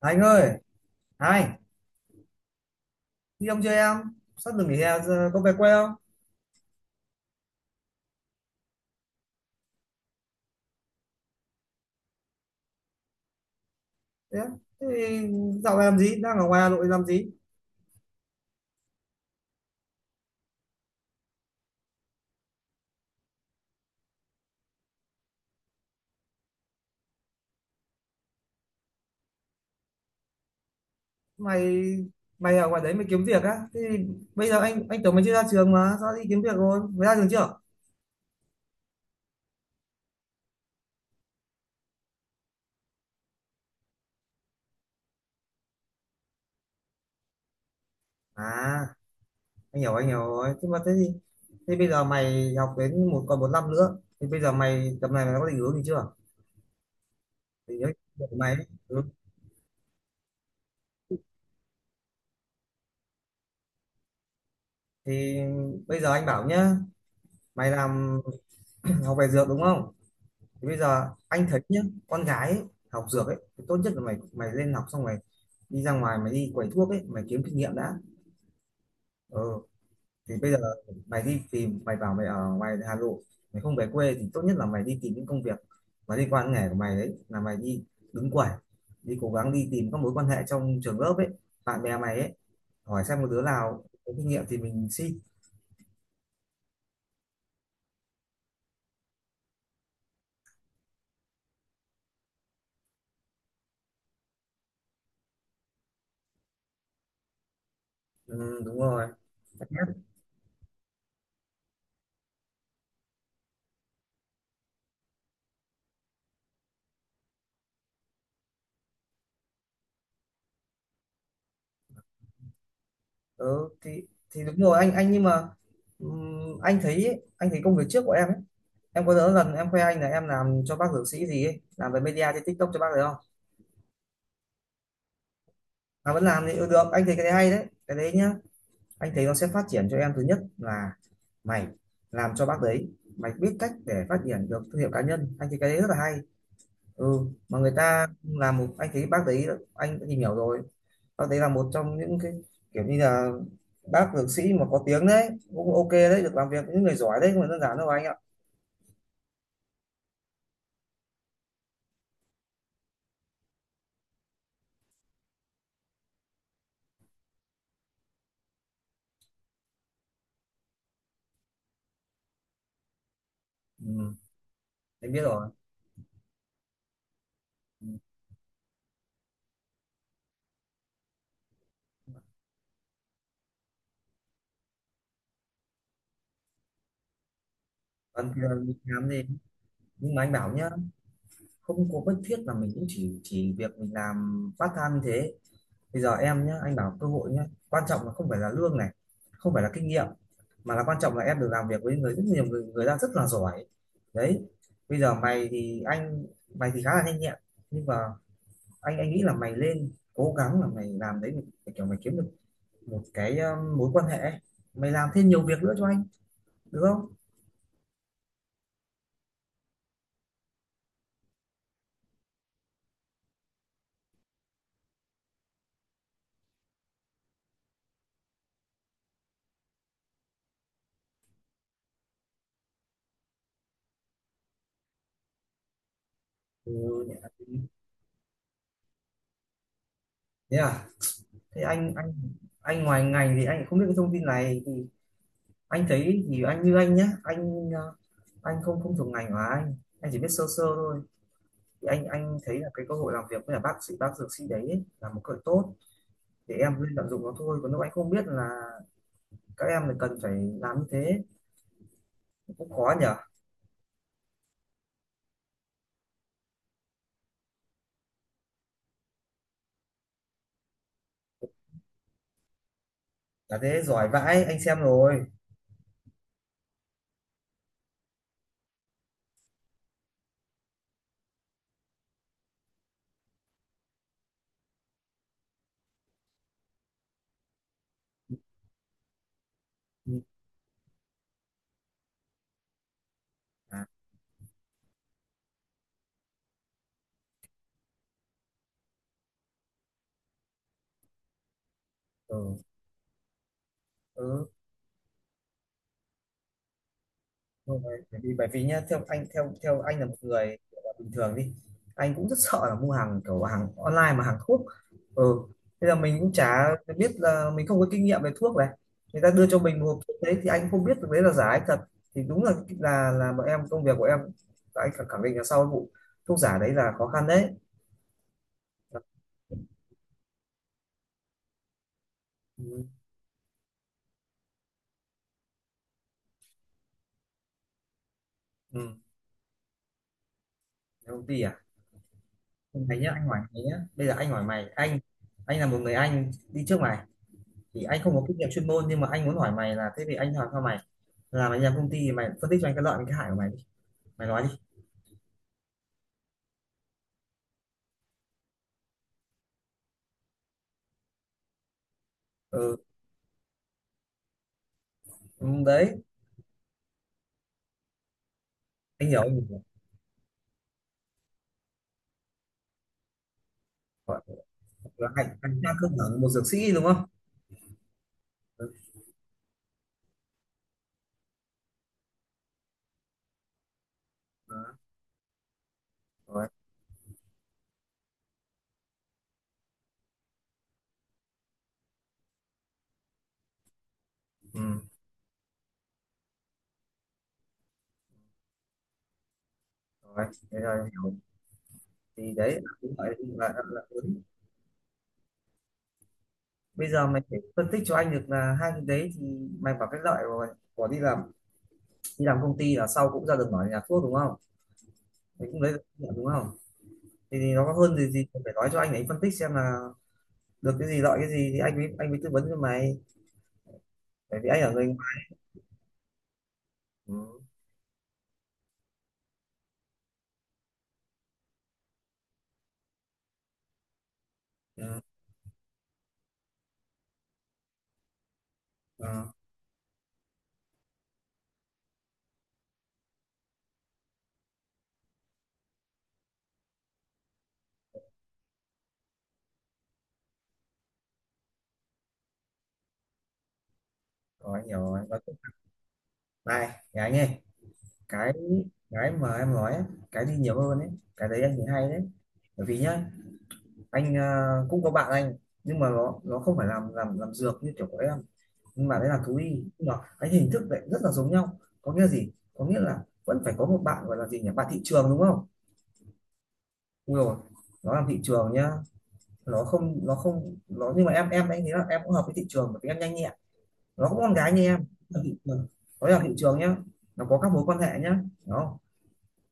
Anh ơi, hai, đi ông chơi em, sắp được nghỉ hè giờ có về quê không? Thế, thế thì dạo này làm gì, đang ở ngoài Hà Nội làm gì? Mày mày ở ngoài đấy mày kiếm việc á? Thế thì bây giờ anh tưởng mày chưa ra trường mà, sao đi kiếm việc rồi? Mày ra trường chưa? À, anh hiểu rồi. Thế thì thế bây giờ mày học đến một còn một năm nữa, thì bây giờ mày tầm này mày có định hướng gì chưa? Thì nhớ việc của mày ấy. Ừ. Thì bây giờ anh bảo nhá, mày làm học về dược đúng không? Thì bây giờ anh thấy nhá, con gái ấy, học dược ấy thì tốt nhất là mày mày lên học xong mày đi ra ngoài mày đi quầy thuốc ấy mày kiếm kinh nghiệm đã. Ừ, thì bây giờ mày đi tìm, mày bảo mày ở ngoài Hà Nội, mày không về quê thì tốt nhất là mày đi tìm những công việc mà liên quan đến nghề của mày, đấy là mày đi đứng quầy, đi cố gắng đi tìm các mối quan hệ trong trường lớp ấy, bạn bè mày ấy, hỏi xem một đứa nào có kinh nghiệm thì mình xin. Ừ, đúng rồi, chắc nhất. Ừ, thì đúng rồi, anh nhưng mà anh thấy ấy, anh thấy công việc trước của em ấy, em có nhớ lần em khoe anh là em làm cho bác dược sĩ gì ấy làm về media trên TikTok cho bác đấy không, mà vẫn làm thì ừ, được, anh thấy cái đấy hay đấy, cái đấy nhá, anh thấy nó sẽ phát triển cho em. Thứ nhất là mày làm cho bác đấy, mày biết cách để phát triển được thương hiệu cá nhân, anh thấy cái đấy rất là hay. Ừ, mà người ta làm một, anh thấy bác đấy, anh đã tìm hiểu rồi, bác đấy là một trong những cái kiểu như là bác dược sĩ mà có tiếng đấy, cũng ok đấy, được làm việc với những người giỏi đấy không phải đơn giản đâu anh ạ. Ừ, em biết rồi. Ừ. Còn kia đi khám gì, nhưng mà anh bảo nhá, không có bất thiết mà mình cũng chỉ việc mình làm part time như thế. Bây giờ em nhá, anh bảo cơ hội nhá, quan trọng là không phải là lương này, không phải là kinh nghiệm, mà là quan trọng là em được làm việc với người rất nhiều người, người ta rất là giỏi đấy. Bây giờ mày thì anh, mày thì khá là nhanh nhẹn, nhưng mà anh nghĩ là mày lên cố gắng là mày làm đấy, để kiểu mày kiếm được một cái mối quan hệ ấy. Mày làm thêm nhiều việc nữa cho anh được không? Ừ, thế à, thế anh anh ngoài ngành thì anh không biết cái thông tin này, thì anh thấy thì anh như anh nhá, anh anh không không thuộc ngành của anh chỉ biết sơ sơ thôi. Thì anh thấy là cái cơ hội làm việc với là bác sĩ, bác dược sĩ đấy ấy, là một cơ hội tốt để em lên tận dụng nó thôi, còn lúc anh không biết là các em là cần phải làm như thế, cũng khó nhở. Là thế giỏi vãi, anh xem rồi. Ừ. À, ừ, ừ. Đúng rồi. Bởi vì bởi vì nhá, theo anh, theo theo anh là một người kiểu là bình thường đi, anh cũng rất sợ là mua hàng kiểu hàng online mà hàng thuốc. Ừ, thế là mình cũng chả biết, là mình không có kinh nghiệm về thuốc này, người ta đưa cho mình một hộp thuốc đấy thì anh không biết được đấy là giả hay thật. Thì đúng là là bọn em, công việc của em, anh khẳng khẳng định là sau vụ thuốc giả đấy là khó khăn đấy. Ừ, ừ. Công ty à, thấy nhá, anh hỏi mày nhá, bây giờ anh hỏi mày, anh là một người anh đi trước mày, thì anh không có kinh nghiệm chuyên môn nhưng mà anh muốn hỏi mày là thế thì anh hỏi sao mày làm anh em công ty, thì mày phân tích cho anh cái lợi và cái hại của mày đi, mày nói đi. Ừ, ừ, đấy, anh hiểu. Gọi là hạnh hạnh trang cơ bản một dược sĩ đúng không. Ừ. Đó, rồi. Ừ. Rồi, thế rồi anh hiểu, thì đấy là cái lợi là, là lớn. Bây giờ mày phải phân tích cho anh được là hai cái đấy thì mày bảo cái lợi của đi làm, đi làm công ty là sau cũng ra được mở nhà thuốc đúng không, mày cũng lấy được lợi đúng không. Thì nó có hơn gì, gì phải nói cho anh để anh phân tích xem là được cái gì, lợi cái gì thì anh mới tư vấn cho mày, bởi vì anh ở người ngoài. Ừ. Ừ. Ừ. Rồi rồi, và này gái nghe, cái cái mà em nói ấy, cái gì nhiều hơn ấy, cái đấy anh thấy hay đấy. Bởi vì nhá, anh cũng có bạn anh, nhưng mà nó không phải làm làm dược như kiểu của em, nhưng mà đấy là thú y, nhưng mà cái hình thức lại rất là giống nhau, có nghĩa gì, có nghĩa là vẫn phải có một bạn gọi là gì nhỉ, bạn thị trường đúng không. Ui rồi, nó làm thị trường nhá, nó không nhưng mà em anh thấy là em cũng hợp với thị trường bởi vì em nhanh nhẹn, nó có con gái như em. Vâng, vâng. Nó là thị trường nhá, nó có các mối quan hệ nhá. Đó.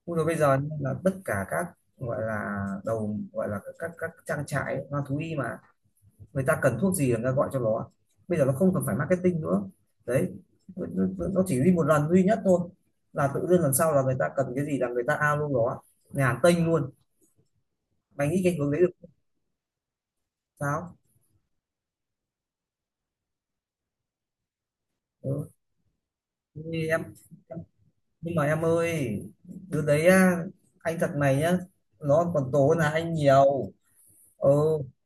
Ui rồi, bây giờ là tất cả các gọi là đầu, gọi là các trang trại hoa thú y mà người ta cần thuốc gì là người ta gọi cho nó, bây giờ nó không cần phải marketing nữa. Đấy, nó, nó chỉ đi một lần duy nhất thôi, là tự dưng lần sau là người ta cần cái gì là người ta ao luôn. Đó, nhà hàng Tây luôn. Mày nghĩ cái hướng đấy được sao. Ừ. Như em, nhưng mà em ơi, đứa đấy á, anh thật này nhá, nó còn tối là anh nhiều. Ừ,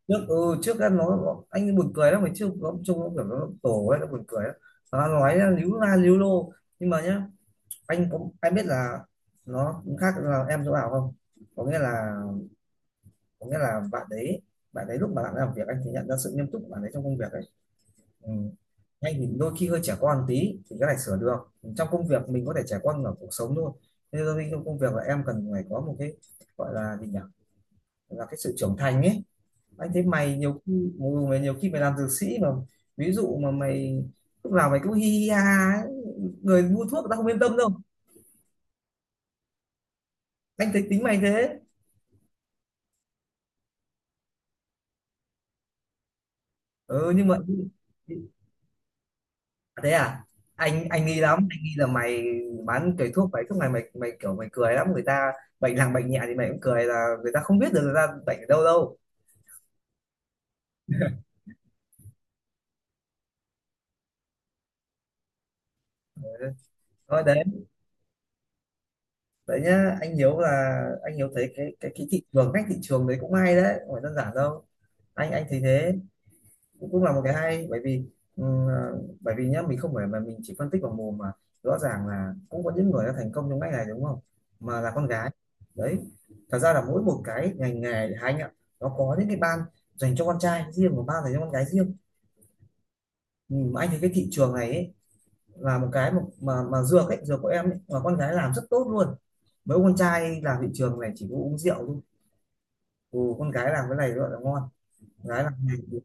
trước ừ, trước á, nó anh buồn cười lắm mà trước nó trông nó kiểu nó tổ ấy, nó buồn cười lắm, nó nói á, líu la líu lô. Nhưng mà nhá, anh cũng anh biết là nó cũng khác là em chỗ nào không, có nghĩa là, có nghĩa là bạn đấy, bạn đấy lúc mà bạn làm việc anh thì nhận ra sự nghiêm túc của bạn ấy trong công việc ấy. Ừ. Hay thì đôi khi hơi trẻ con tí thì cái này sửa được, trong công việc mình có thể, trẻ con ở cuộc sống thôi, nên đôi khi trong công việc là em cần phải có một cái gọi là gì nhỉ, là cái sự trưởng thành ấy. Anh thấy mày nhiều khi, mày nhiều khi mày làm dược sĩ mà, ví dụ mà mày lúc nào mày cũng hi hi ha ha ấy, người mua thuốc người ta không yên tâm đâu, anh thấy tính mày thế. Ừ, nhưng mà thế à, anh nghi lắm, anh nghi là mày bán cái thuốc ấy, thuốc này mày, mày kiểu mày cười lắm, người ta bệnh nặng bệnh nhẹ thì mày cũng cười là người ta không biết được người ta bệnh ở đâu đâu. Thôi đấy. Đấy nhá, anh Hiếu là anh Hiếu thấy cái cái thị trường, cách thị trường đấy cũng hay đấy, không phải đơn giản đâu, anh thấy thế. Cũng cũng là một cái hay, bởi vì bởi vì nhá mình không phải mà mình chỉ phân tích vào mồm mà rõ ràng là cũng có những người đã thành công trong ngành này đúng không, mà là con gái đấy. Thật ra là mỗi một cái ngành nghề thì anh ạ, nó có những cái ban dành cho con trai riêng và ban dành cho con gái riêng. Mà anh thấy cái thị trường này ấy, là một cái mà mà dược ấy, dược của em ấy, mà con gái làm rất tốt luôn, mấy ông con trai làm thị trường này chỉ có uống rượu thôi. Ừ, con gái làm cái này gọi là ngon, gái làm cái này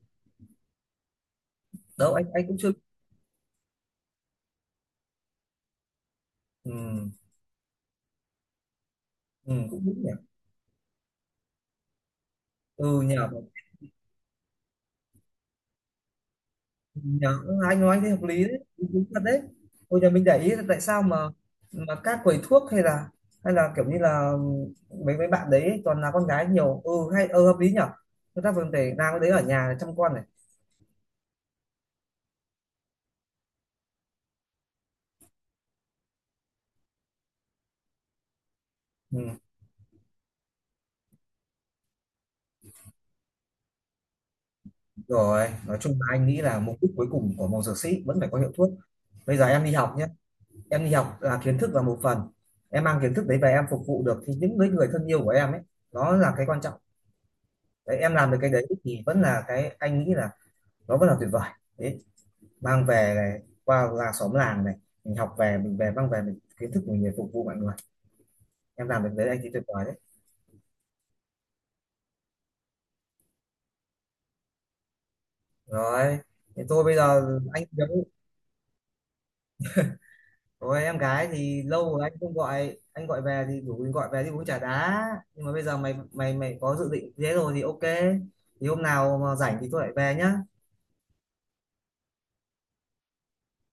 đâu, anh cũng chưa. Ừ, ừ, cũng đúng nhỉ. Ừ nhỉ. Dạ, anh nói anh thấy hợp lý đấy, đúng đúng thật đấy. Bây giờ mình để ý là tại sao mà các quầy thuốc hay là, hay là kiểu như là mấy mấy bạn đấy toàn là con gái nhiều, ừ hay, ừ hợp lý nhở, chúng ta vẫn để làm cái đấy ở nhà để chăm con này. Ừ, rồi, nói chung là anh nghĩ là mục đích cuối cùng của một dược sĩ vẫn phải có hiệu thuốc. Bây giờ em đi học nhé, em đi học là kiến thức là một phần. Em mang kiến thức đấy về em phục vụ được thì những người người thân yêu của em ấy, nó là cái quan trọng. Đấy, em làm được cái đấy thì vẫn là cái anh nghĩ là nó vẫn là tuyệt vời. Đấy, mang về này qua làng xóm làng này, mình học về mình về mang về mình kiến thức mình về phục vụ mọi người, em làm được đấy anh thấy tuyệt vời đấy. Rồi, thế tôi bây giờ, anh giống, rồi em gái thì lâu rồi anh không gọi, anh gọi về thì rủ mình gọi về đi uống trà đá, nhưng mà bây giờ mày mày mày có dự định thế rồi thì ok, thì hôm nào mà rảnh thì tôi lại về nhá.